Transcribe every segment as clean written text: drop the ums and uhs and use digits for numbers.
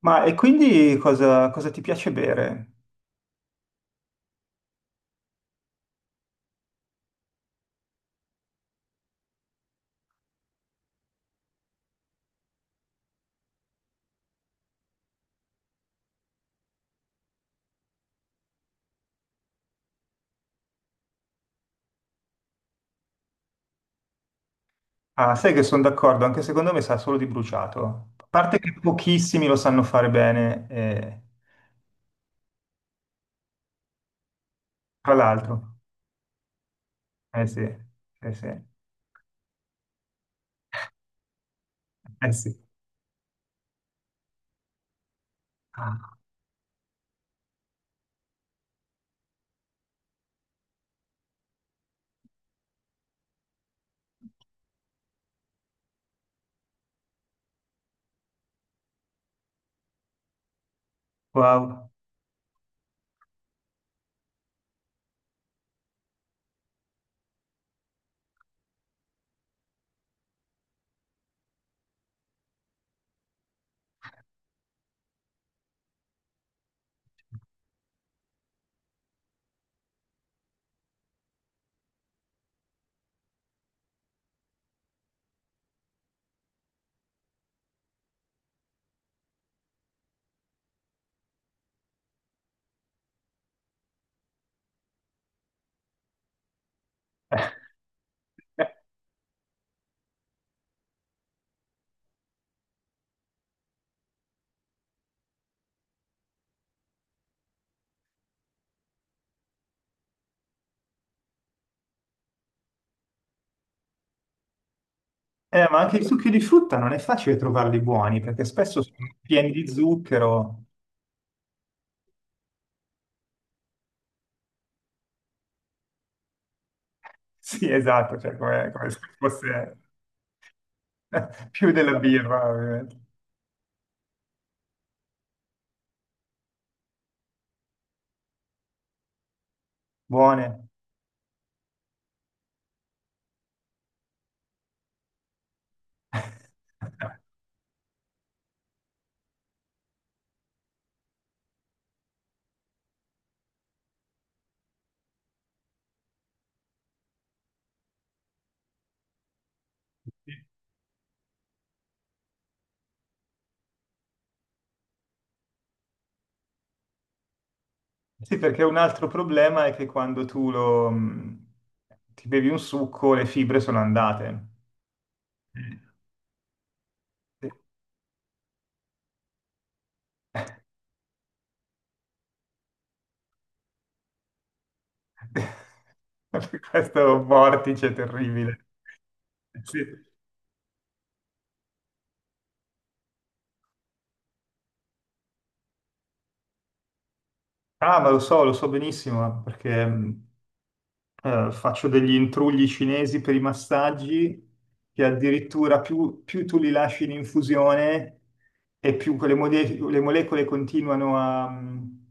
Ma e quindi cosa ti piace bere? Ah, sai che sono d'accordo, anche secondo me sa solo di bruciato. A parte che pochissimi lo sanno fare bene, tra l'altro. Eh sì, eh sì, eh sì. Ah, wow. Ma anche i succhi di frutta non è facile trovarli buoni, perché spesso sono pieni di zucchero. Sì, esatto, cioè come se fosse più della birra, ovviamente. Buone. Sì, perché un altro problema è che quando tu lo, ti bevi un succo, le fibre sono andate. Sì. Questo vortice terribile. Sì. Ah, ma lo so benissimo, perché faccio degli intrugli cinesi per i massaggi, che addirittura più tu li lasci in infusione e più quelle le molecole continuano a, mh,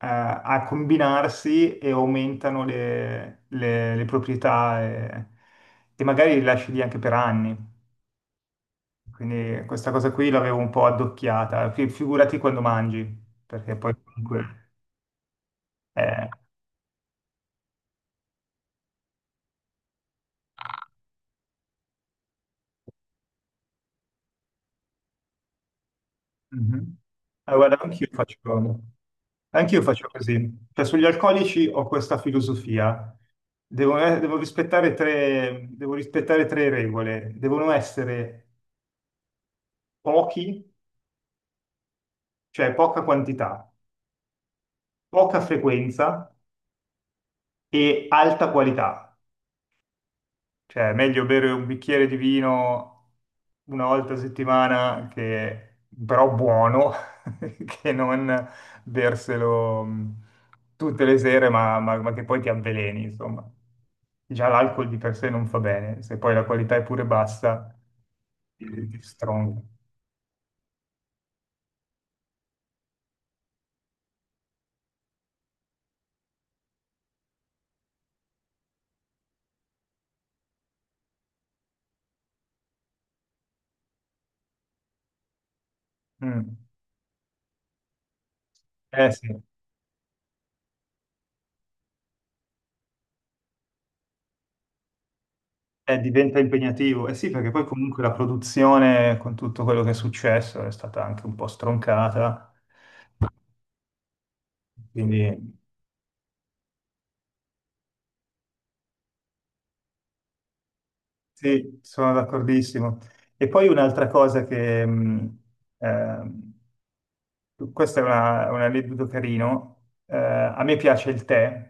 a- a combinarsi e aumentano le proprietà, e magari li lasci lì anche per anni. Quindi questa cosa qui l'avevo un po' addocchiata, figurati quando mangi, perché poi comunque. eh, Mhm. Guarda, anch'io faccio così. Cioè, sugli alcolici ho questa filosofia. Devo rispettare tre regole. Devono essere pochi, cioè poca quantità, poca frequenza e alta qualità. Cioè, è meglio bere un bicchiere di vino una volta a settimana, che, però buono, che non berselo tutte le sere, ma che poi ti avveleni, insomma. Già l'alcol di per sé non fa bene, se poi la qualità è pure bassa, ti stronca. Mm. Eh sì, diventa impegnativo. Eh sì, perché poi comunque la produzione, con tutto quello che è successo, è stata anche un po' stroncata. Quindi sì, sono d'accordissimo. E poi un'altra cosa che, ehm, questa è un aneddoto carino, a me piace il tè,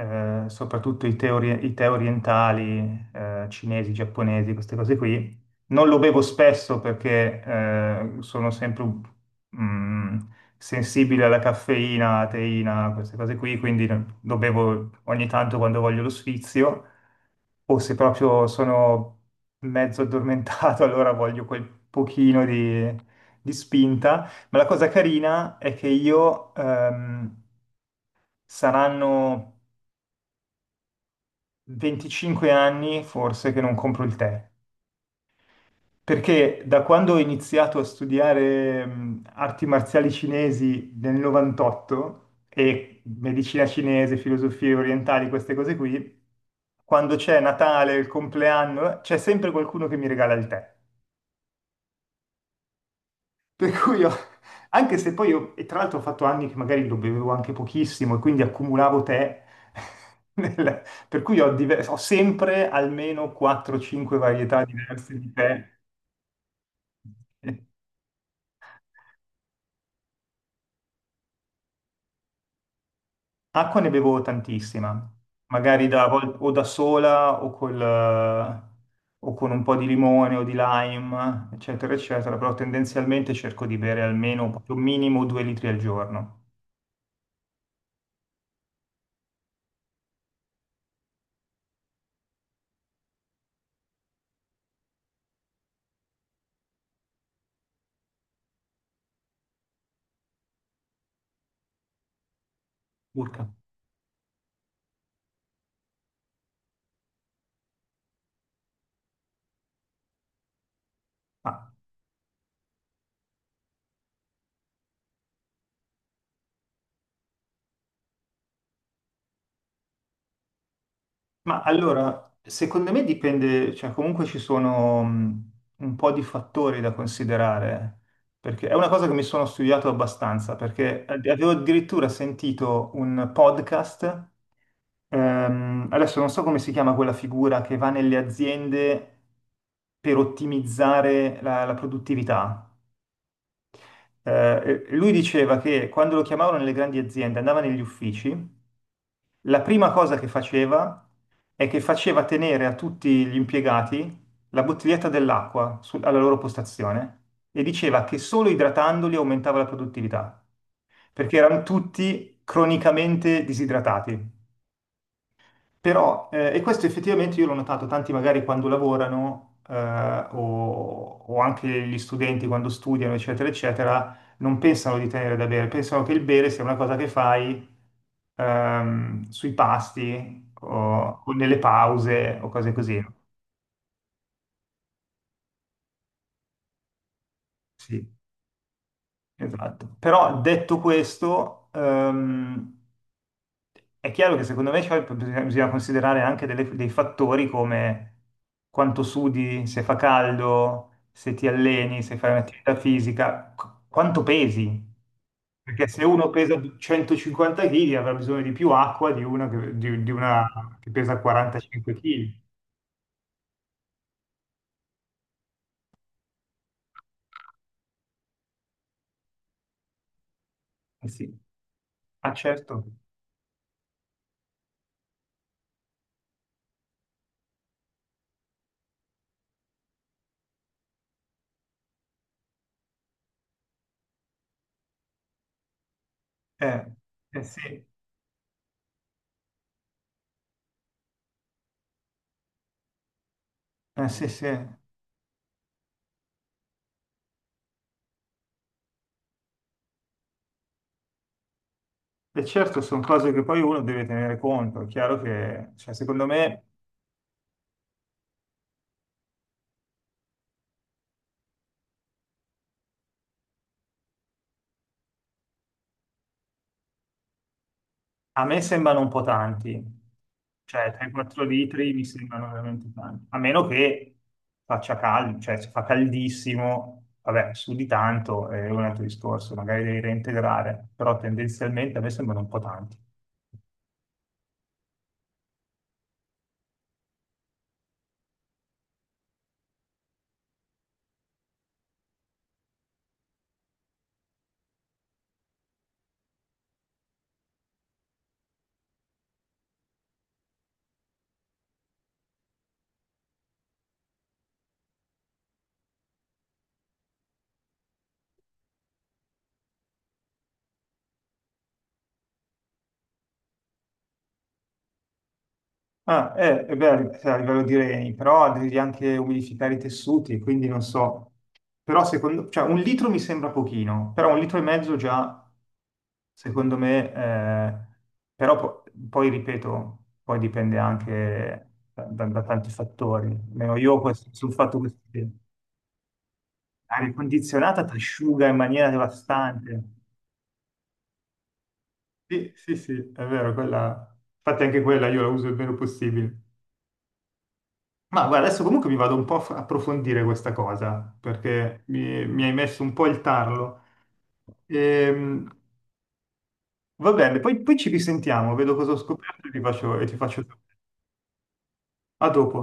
soprattutto i tè, i tè orientali, cinesi, giapponesi, queste cose qui. Non lo bevo spesso perché sono sempre mm, sensibile alla caffeina, alla teina, queste cose qui, quindi lo bevo ogni tanto quando voglio lo sfizio o se proprio sono mezzo addormentato, allora voglio quel pochino di spinta. Ma la cosa carina è che io saranno 25 anni forse che non compro il tè, perché da quando ho iniziato a studiare arti marziali cinesi nel '98 e medicina cinese, filosofie orientali, queste cose qui, quando c'è Natale, il compleanno, c'è sempre qualcuno che mi regala il tè. Per cui io, anche se poi io, e tra l'altro ho fatto anni che magari lo bevevo anche pochissimo e quindi accumulavo tè, per cui ho, ho sempre almeno 4-5 varietà diverse di tè. Acqua ne bevo tantissima, magari o da sola o, o con un po' di limone o di lime, eccetera, eccetera, però tendenzialmente cerco di bere almeno proprio minimo 2 litri al giorno. Urca. Ah. Ma allora, secondo me dipende, cioè comunque ci sono un po' di fattori da considerare, perché è una cosa che mi sono studiato abbastanza, perché avevo addirittura sentito un podcast. Adesso non so come si chiama quella figura che va nelle aziende per ottimizzare la produttività. Eh, e lui diceva che quando lo chiamavano nelle grandi aziende, andava negli uffici. La prima cosa che faceva è che faceva tenere a tutti gli impiegati la bottiglietta dell'acqua alla loro postazione, e diceva che solo idratandoli aumentava la produttività, perché erano tutti cronicamente disidratati. Però, e questo effettivamente io l'ho notato: tanti magari quando lavorano, o anche gli studenti quando studiano, eccetera, eccetera, non pensano di tenere da bere, pensano che il bere sia una cosa che fai sui pasti o nelle pause o cose così. No? Sì, esatto. Però detto questo, è chiaro che, secondo me, cioè, bisogna considerare anche dei fattori, come quanto sudi, se fa caldo, se ti alleni, se fai un'attività fisica, quanto pesi. Perché se uno pesa 150 kg avrà bisogno di più acqua di una che pesa 45 kg. Eh sì. Ah, certo, eh, eh sì, eh sì, sì. E certo, sono cose che poi uno deve tenere conto. È chiaro che, cioè, secondo me, a me sembrano un po' tanti, cioè 3-4 litri mi sembrano veramente tanti, a meno che faccia caldo. Cioè, se fa caldissimo, vabbè, su di tanto è un altro discorso, magari devi reintegrare, però tendenzialmente a me sembrano un po' tanti. Ah, beh, a livello di reni, però devi anche umidificare i tessuti, quindi non so. Però secondo, cioè, un litro mi sembra pochino, però un litro e mezzo già, secondo me, però poi ripeto, poi dipende anche da tanti fattori. Almeno io questo, sul fatto che sì, l'aria condizionata ti asciuga in maniera devastante. Sì, sì, sì, è vero, quella. Infatti anche quella io la uso il meno possibile. Ma guarda, adesso comunque mi vado un po' a approfondire questa cosa, perché mi hai messo un po' il tarlo. Ehm, va bene, poi ci risentiamo, vedo cosa ho scoperto e ti faccio sapere. A dopo.